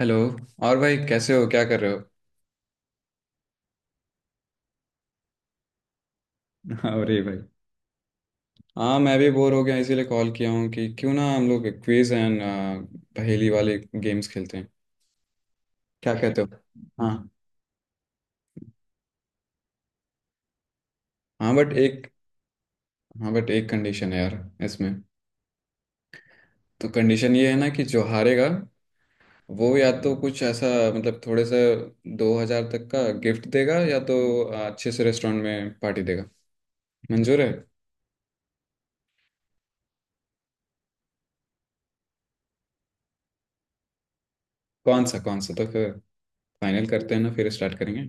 Hello. और भाई कैसे हो, क्या कर रहे हो? अरे भाई। हाँ, मैं भी बोर हो गया इसीलिए कॉल किया हूँ कि क्यों ना हम लोग क्विज एंड पहेली वाले गेम्स खेलते हैं। क्या कहते हो? हाँ। हाँ बट एक हाँ बट एक कंडीशन है यार, इसमें। तो कंडीशन ये है ना कि जो हारेगा वो या तो कुछ ऐसा, मतलब थोड़े से, 2,000 तक का गिफ्ट देगा, या तो अच्छे से रेस्टोरेंट में पार्टी देगा। मंजूर है? कौन सा तो फिर फाइनल करते हैं ना, फिर स्टार्ट करेंगे।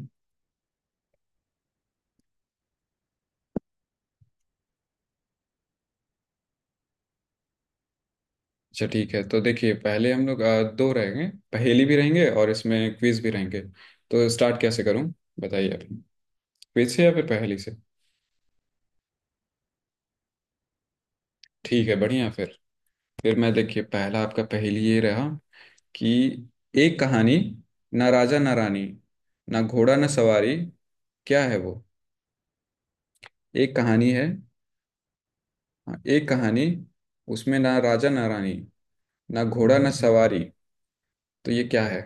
अच्छा ठीक है, तो देखिए, पहले हम लोग दो रहेंगे। पहेली भी रहेंगे और इसमें क्विज भी रहेंगे। तो स्टार्ट कैसे करूं, बताइए आप, क्विज से या फिर पहेली से? ठीक है, बढ़िया। फिर मैं देखिए, पहला आपका पहेली ये रहा कि एक कहानी, ना राजा ना रानी, ना घोड़ा ना सवारी, क्या है वो? एक कहानी है। हाँ, एक कहानी, उसमें ना राजा ना रानी, ना घोड़ा ना सवारी, तो ये क्या है?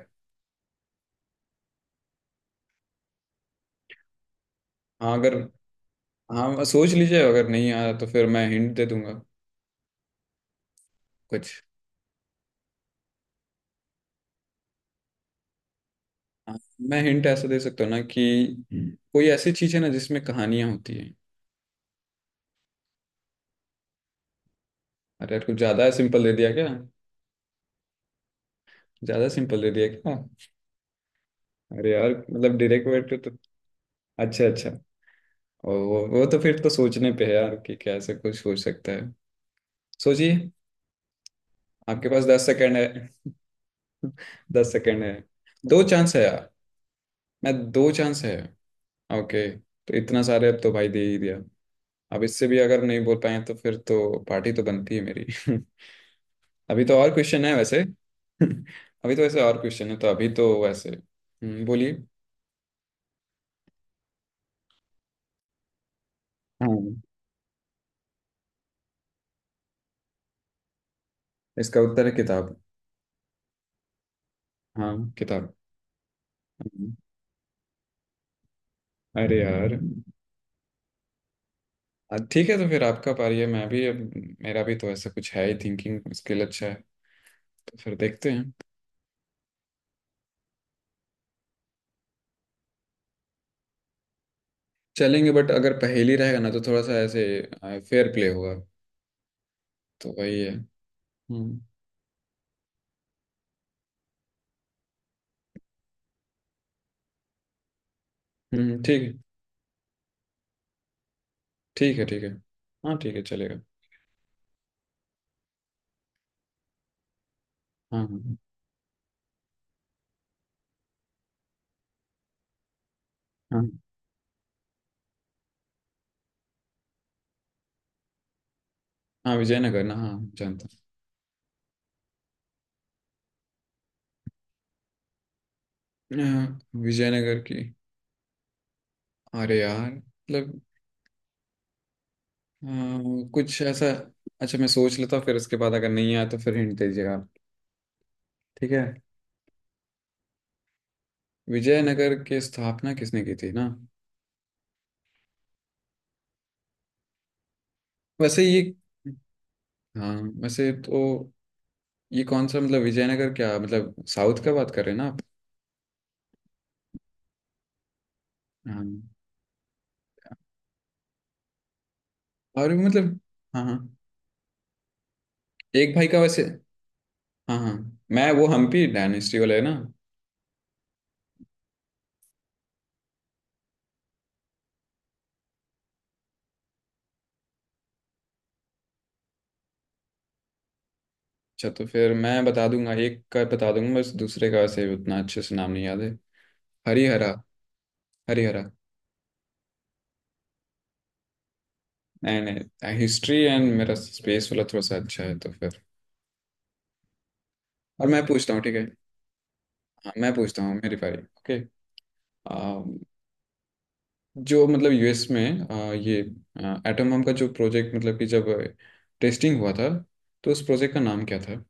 हाँ अगर हाँ, सोच लीजिए, अगर नहीं आया तो फिर मैं हिंट दे दूंगा कुछ। हाँ, मैं हिंट ऐसा दे सकता हूँ ना कि कोई ऐसी चीज है ना जिसमें कहानियां होती है। अरे यार, कुछ ज्यादा सिंपल दे दिया क्या? ज्यादा सिंपल दे दिया क्या? अरे यार मतलब डायरेक्ट वर्ड तो। अच्छा, अच्छा। और वो तो फिर तो सोचने पे है यार कि कैसे कुछ सोच सकता है। सोचिए, आपके पास 10 सेकंड है। 10 सेकंड है। दो चांस है यार। मैं दो चांस है। ओके, तो इतना सारे अब तो भाई दे ही दिया। अब इससे भी अगर नहीं बोल पाए तो फिर तो पार्टी तो बनती है मेरी। अभी तो और क्वेश्चन है वैसे। अभी तो वैसे और क्वेश्चन है, तो अभी तो वैसे बोलिए। हाँ। इसका उत्तर है किताब। हाँ, किताब। हम्म, अरे यार। ठीक है, तो फिर आपका पारी है, मैं भी अब मेरा भी तो ऐसा कुछ है ही, थिंकिंग स्किल अच्छा है, तो फिर देखते हैं। चलेंगे बट अगर पहेली रहेगा ना तो थोड़ा सा ऐसे फेयर प्ले होगा, तो वही है। हम्म। ठीक है, ठीक है, ठीक है। हाँ, ठीक है, चलेगा। हाँ, हाँ, हाँ, हाँ, विजयनगर ना, हाँ, जानता हूँ। अ, विजयनगर की, अरे यार मतलब अ, कुछ ऐसा। अच्छा, मैं सोच लेता हूँ, फिर उसके बाद अगर नहीं आया तो फिर हिंट दीजिएगा आप। ठीक है। विजयनगर की स्थापना किसने की थी ना? वैसे ये, हाँ, वैसे तो ये कौन सा मतलब विजयनगर, क्या मतलब साउथ का बात कर रहे हैं ना आप? हाँ। और भी मतलब। हाँ, हाँ। एक भाई का वैसे, हाँ, हाँ। मैं वो हम्पी डायनेस्टी वाला है ना? अच्छा, तो फिर मैं बता दूंगा एक का, बता दूंगा बस, दूसरे का वैसे उतना अच्छे से नाम नहीं याद है। हरिहरा। हरिहरा। नहीं, नहीं, हिस्ट्री एंड मेरा स्पेस वाला थोड़ा सा अच्छा है, तो फिर। और मैं पूछता हूँ, ठीक है। हाँ, मैं पूछता हूँ मेरी बारी, ओके। जो मतलब यूएस में ये एटम बम का जो प्रोजेक्ट, मतलब कि जब टेस्टिंग हुआ था, तो उस प्रोजेक्ट का नाम क्या था?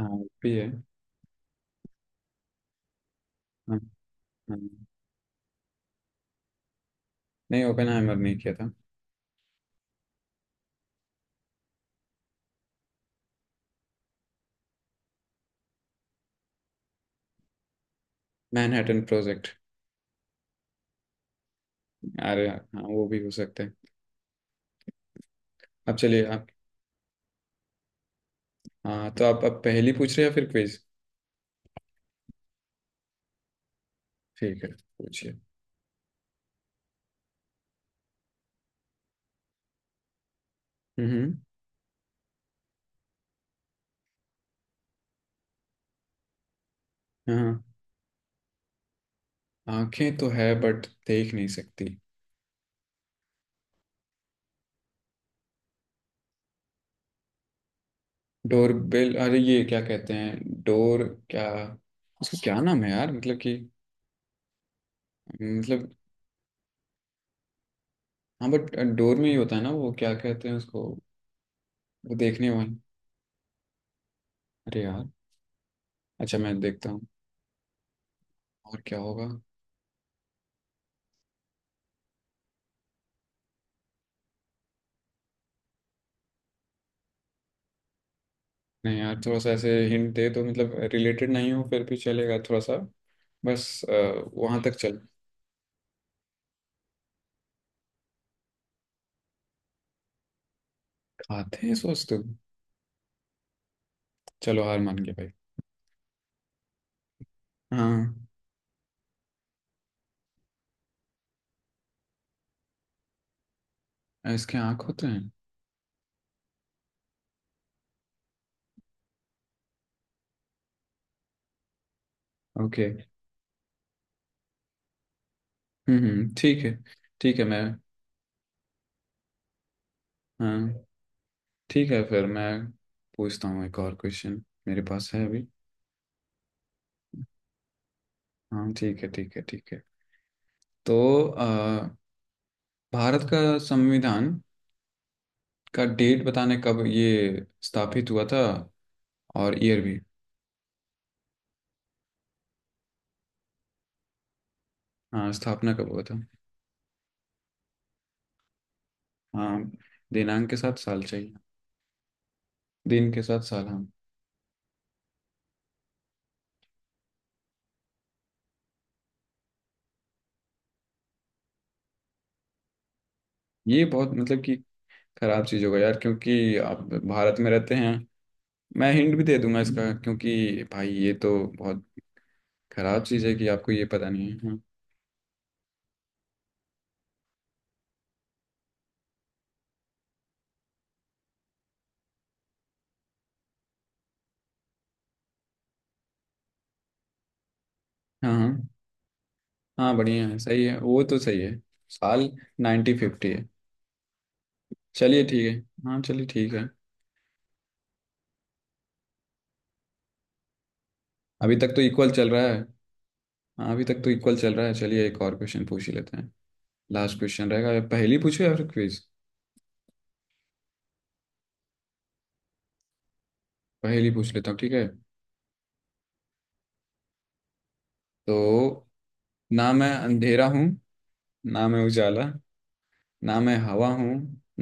हाँ भी है। हाँ, हाँ। नहीं, ओपेनहाइमर नहीं किया था। Manhattan project. अरे हाँ, वो भी हो सकते हैं। अब चलिए आप। हाँ, तो आप अब पहेली पूछ रहे हैं या फिर क्विज? ठीक है, पूछिए। हम्म। हाँ, आंखें तो है बट देख नहीं सकती। डोर बेल, अरे ये क्या कहते हैं डोर? क्या? उसका क्या नाम है यार, मतलब कि मतलब। हाँ बट डोर में ही होता है ना, वो क्या कहते हैं उसको, वो देखने वाली। अरे यार, अच्छा मैं देखता हूँ, और क्या होगा। नहीं यार, थोड़ा सा ऐसे हिंट दे तो, मतलब रिलेटेड नहीं हो फिर भी चलेगा, थोड़ा सा बस वहां तक चल। खाते हैं, सोच तुम। चलो, हार मान गया भाई। हाँ, इसके आँख होते हैं। ओके। हम्म, ठीक है। ठीक है, मैं, हाँ, ठीक है, फिर मैं पूछता हूँ एक और क्वेश्चन, मेरे पास है अभी। हाँ, ठीक है, ठीक है, ठीक है। तो अ, भारत का संविधान का डेट बताने, कब ये स्थापित हुआ था, और ईयर भी। हाँ, स्थापना कब हुआ था? हाँ, दिनांक के साथ साल चाहिए, दिन के साथ साल, हाँ। ये बहुत मतलब कि खराब चीज़ होगा यार क्योंकि आप भारत में रहते हैं, मैं हिंट भी दे दूंगा इसका क्योंकि भाई ये तो बहुत खराब चीज़ है कि आपको ये पता नहीं है, हाँ। हाँ, हाँ, हाँ, बढ़िया है, सही है, वो तो सही है। साल नाइन्टी फिफ्टी है। चलिए, ठीक है। हाँ, चलिए, ठीक है। अभी तक तो इक्वल चल रहा है। हाँ, अभी तक तो इक्वल चल रहा है, चलिए एक और क्वेश्चन पूछ ही लेते हैं। लास्ट क्वेश्चन रहेगा, या पहेली पूछो या फिर क्विज। पहेली पूछ लेता हूँ, ठीक है। तो ना मैं अंधेरा हूँ, ना मैं उजाला, ना मैं हवा हूँ,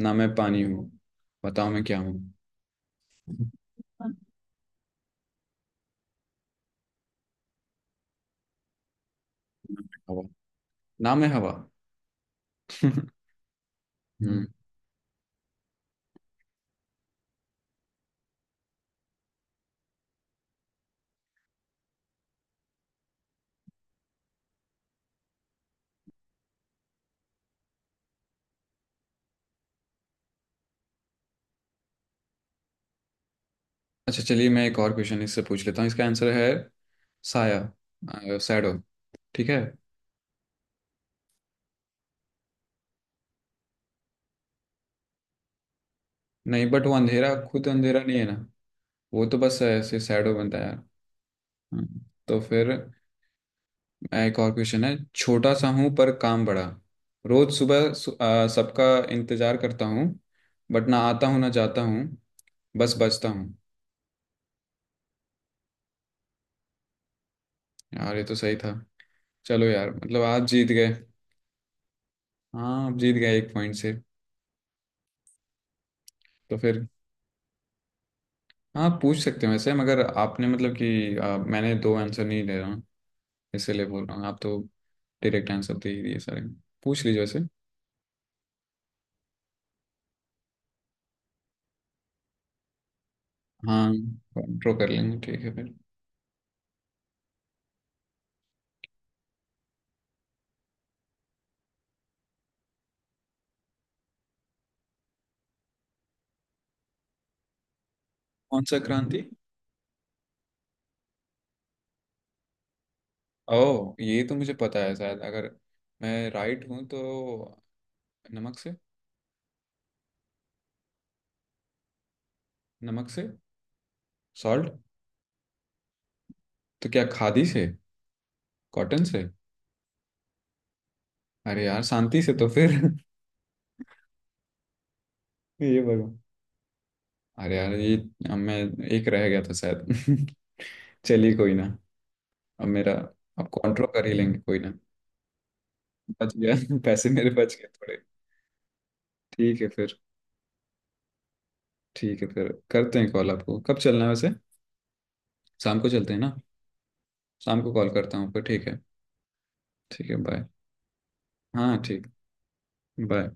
ना मैं पानी हूँ, बताओ मैं क्या हूँ? हवा? ना मैं हवा। हम्म। अच्छा, चलिए, मैं एक और क्वेश्चन इससे पूछ लेता हूँ, इसका आंसर है साया, सैडो। ठीक है। नहीं बट वो अंधेरा खुद अंधेरा नहीं है ना, वो तो बस ऐसे सैडो बनता है यार। हम्म, तो फिर एक और क्वेश्चन है, छोटा सा हूँ पर काम बड़ा, रोज सुबह सबका इंतजार करता हूँ, बट ना आता हूँ ना जाता हूँ, बस बचता हूँ। यार ये तो सही था, चलो यार मतलब आप जीत गए। हाँ, आप जीत गए एक पॉइंट से, तो फिर। हाँ, पूछ सकते हैं वैसे, मगर आपने मतलब कि मैंने दो आंसर नहीं दे रहा हूँ, इसीलिए बोल रहा हूँ आप तो डायरेक्ट आंसर दे ही दिए सारे, पूछ लीजिए वैसे। हाँ, ड्रॉ कर लेंगे, ठीक है फिर। कौन सा क्रांति? ओह, ये तो मुझे पता है शायद, अगर मैं राइट हूँ तो, नमक से। नमक से, सॉल्ट। तो क्या खादी से? कॉटन से? अरे यार, शांति से तो फिर। ये भगवान। अरे यार, ये मैं एक रह गया था शायद। चलिए कोई ना। अब मेरा अब कॉन्ट्रो कर ही लेंगे कोई ना। बच गया। पैसे मेरे बच गए थोड़े। ठीक है फिर। ठीक है फिर करते हैं कॉल, आपको कब चलना है वैसे? शाम को चलते हैं ना? शाम को कॉल करता हूँ फिर, ठीक है। ठीक है, बाय। हाँ, ठीक, बाय।